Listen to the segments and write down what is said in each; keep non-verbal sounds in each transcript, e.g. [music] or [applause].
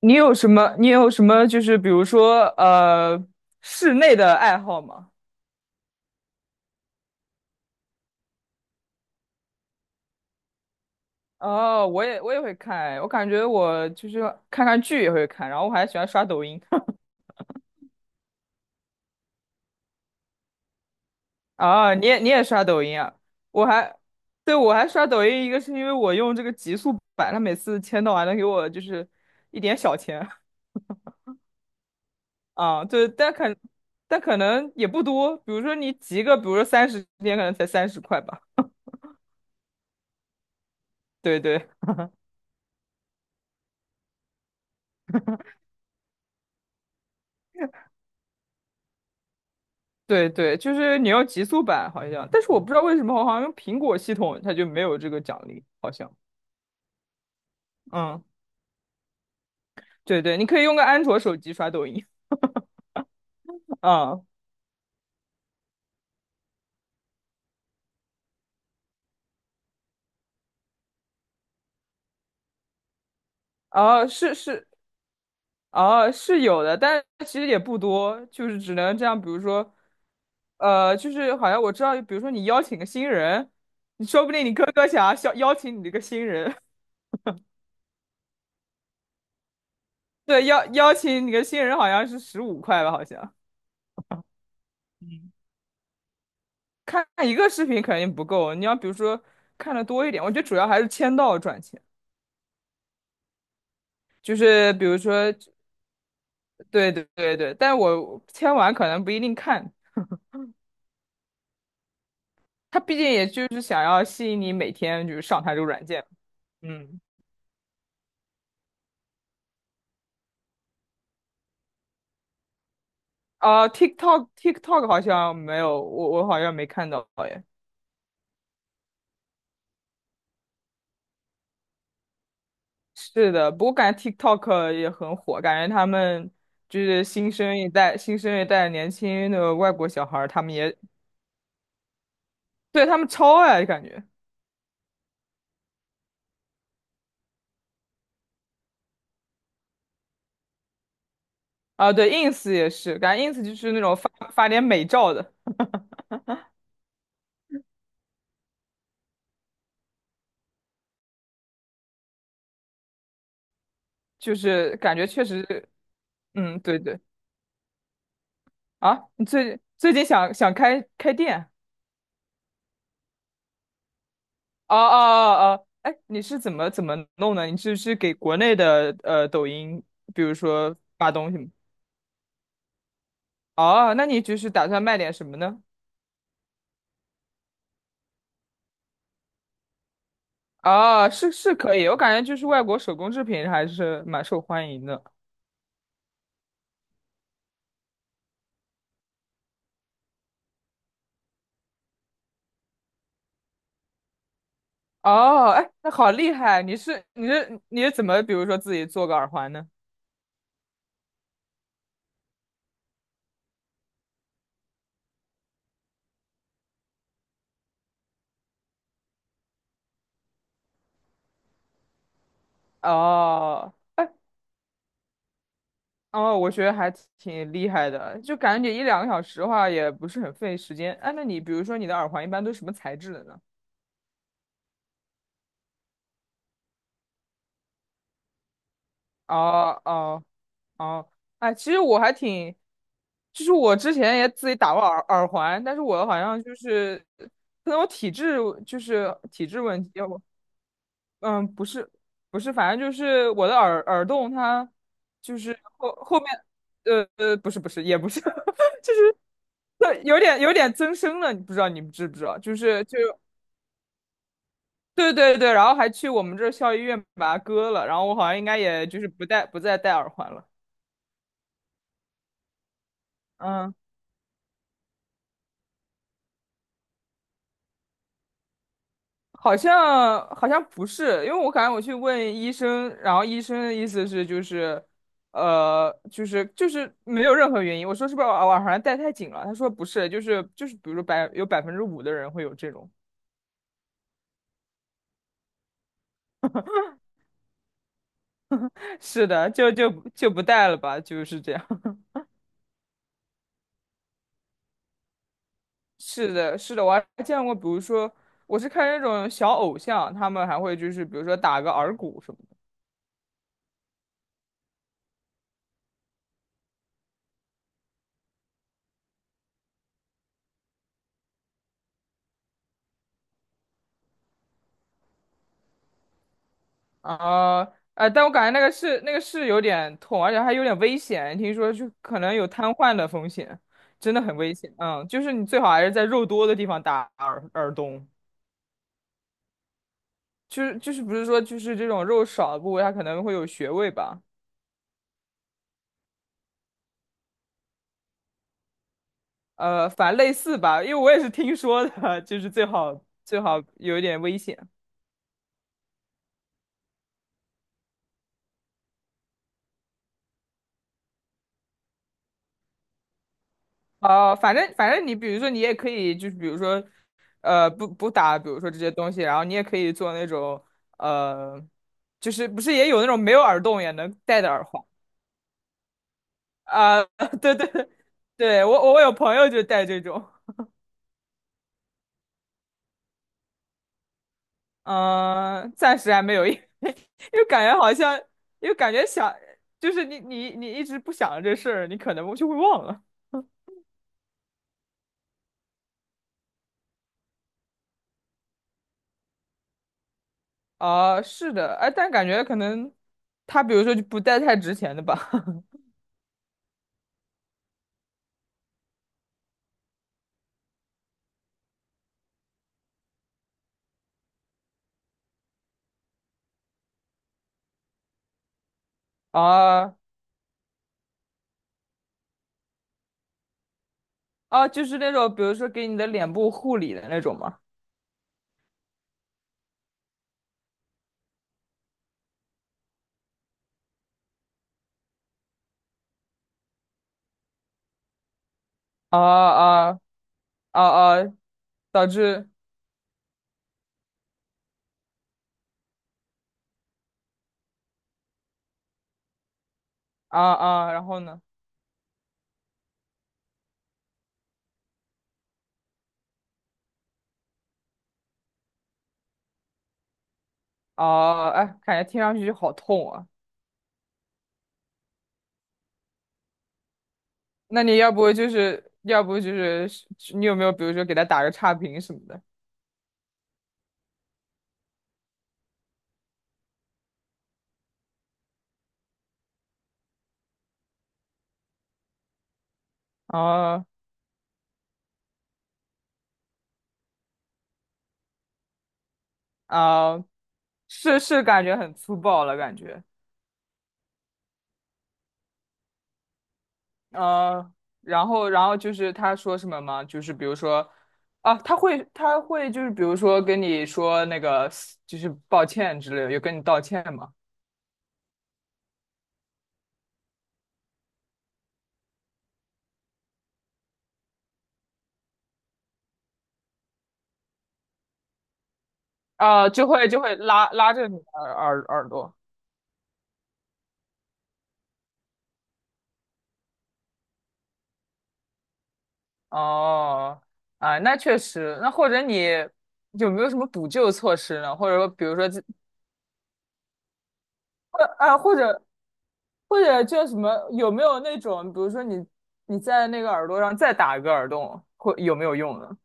你有什么？你有什么？就是比如说，室内的爱好吗？哦，我也会看，我感觉我就是看看剧也会看，然后我还喜欢刷抖音。[laughs] 啊，你也刷抖音啊？我还，对，我还刷抖音，一个是因为我用这个极速版，它每次签到还能给我就是一点小钱。 [laughs] 啊，对，但可能也不多，比如说你集个，比如说30天，可能才30块吧。对对。对对，就是你要极速版好像，但是我不知道为什么，好像用苹果系统它就没有这个奖励，好像。嗯，对对，你可以用个安卓手机刷抖音。[laughs] 啊啊，是是。啊，是有的，但其实也不多，就是只能这样，比如说，就是好像我知道，比如说你邀请个新人，你说不定你哥哥想要邀请你这个新人。[laughs] 对，邀请你个新人好像是15块吧，好像。看一个视频肯定不够，你要比如说看的多一点，我觉得主要还是签到赚钱，就是比如说，对对对对，但我签完可能不一定看，他毕竟也就是想要吸引你每天就是上他这个软件。嗯，啊 t i k t o k TikTok 好像没有，我好像没看到耶。是的，不过感觉 TikTok 也很火，感觉他们就是新生一代年轻的外国小孩儿他们也对，他们超爱，感觉。啊，对，ins 也是，感觉 ins 就是那种发点美照的，就是感觉确实，嗯，对对。啊，你最近想开店？哦哦哦哦，哎，你是怎么弄的？你是给国内的抖音，比如说发东西吗？哦，那你就是打算卖点什么呢？哦，是是可以，我感觉就是外国手工制品还是蛮受欢迎的。哦，哎，那好厉害！你是怎么，比如说自己做个耳环呢？哦。哦，我觉得还挺厉害的，就感觉一两个小时的话也不是很费时间。哎，那你比如说你的耳环一般都是什么材质的呢？哦哦哦，哎，其实我还挺，就是我之前也自己打过耳环，但是我好像就是可能我体质就是体质问题，我嗯不是不是，反正就是我的耳洞它就是后面不是不是也不是。[laughs] 有点增生了，你知不知道？就是就对对对，然后还去我们这儿校医院把它割了，然后我好像应该也就是不戴不再戴耳环了。嗯，好像不是，因为我感觉我去问医生，然后医生的意思是就是，就是没有任何原因。我说是不是我耳环戴太紧了？他说不是，就是比如说有5%的人会有这种。[laughs] 是的，就不戴了吧，就是这样。[laughs] 是的，是的，我还见过，比如说我是看那种小偶像，他们还会就是比如说打个耳骨什么。啊，哎，但我感觉那个是有点痛，而且还有点危险，听说就可能有瘫痪的风险，真的很危险。嗯，就是你最好还是在肉多的地方打耳洞，就是不是说就是这种肉少的部位，它可能会有穴位吧，反正类似吧，因为我也是听说的，[laughs] 就是最好有一点危险。哦，反正你比如说你也可以就是比如说，不打，比如说这些东西，然后你也可以做那种呃，就是不是也有那种没有耳洞也能戴的耳环啊？[laughs] 对对对，对我有朋友就戴这种。嗯、暂时还没有，因为 [laughs] 因为感觉好像，因为感觉想就是你一直不想这事儿，你可能就会忘了。啊、是的，哎，但感觉可能他比如说就不戴太值钱的吧。[laughs] 啊，哦，就是那种，比如说给你的脸部护理的那种吗？啊啊啊啊，导致啊啊，然后呢？啊，哎，感觉听上去就好痛啊。那你要不就是，你有没有比如说给他打个差评什么的？啊，啊，是是，感觉很粗暴了，感觉。呃，然后就是他说什么吗？就是比如说，啊，他会就是比如说跟你说那个就是抱歉之类的，有跟你道歉吗？啊，就会拉着你的耳朵。哦，啊，那确实。那或者你有没有什么补救措施呢？或者说，比如说或啊，或者或者叫什么？有没有那种，比如说你在那个耳朵上再打一个耳洞，会有没有用呢？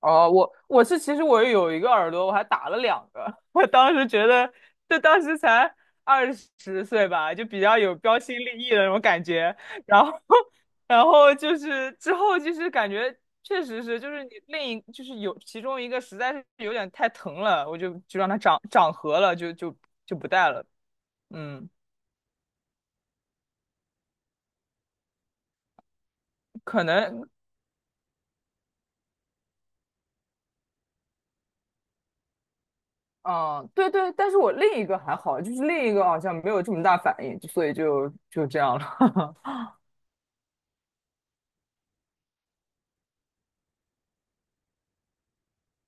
哦，我我是其实我有一个耳朵，我还打了两个。[laughs] 我当时觉得，就当时才20岁吧，就比较有标新立异的那种感觉。然后，[laughs] 然后就是之后就是感觉确实是，就是你就是有其中一个实在是有点太疼了，我就让它长合了，就不戴了。嗯，可能。嗯，对对，但是我另一个还好，就是另一个好像没有这么大反应，就所以就这样了。[laughs]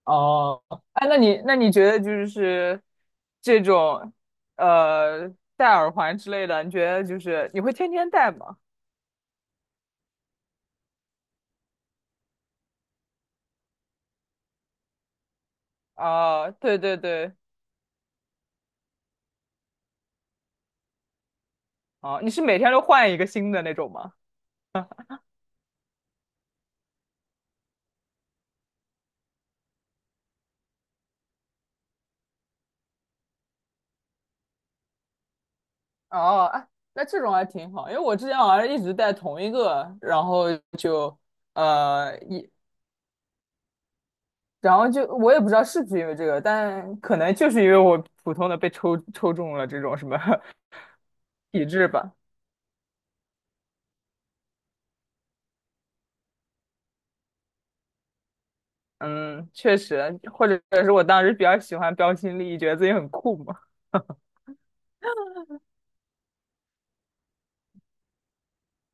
哦，哎，那你觉得就是这种呃戴耳环之类的，你觉得就是你会天天戴吗？啊，对对对，哦，你是每天都换一个新的那种吗？哦，哎，那这种还挺好，因为我之前好像一直戴同一个，然后就呃一，然后就我也不知道是不是因为这个，但可能就是因为我普通的被抽中了这种什么 [laughs] 体质吧。嗯，确实，或者是我当时比较喜欢标新立异，觉得自己很酷嘛。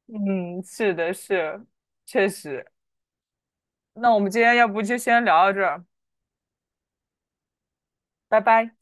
嗯，是的，是，确实。那我们今天要不就先聊到这儿，拜拜。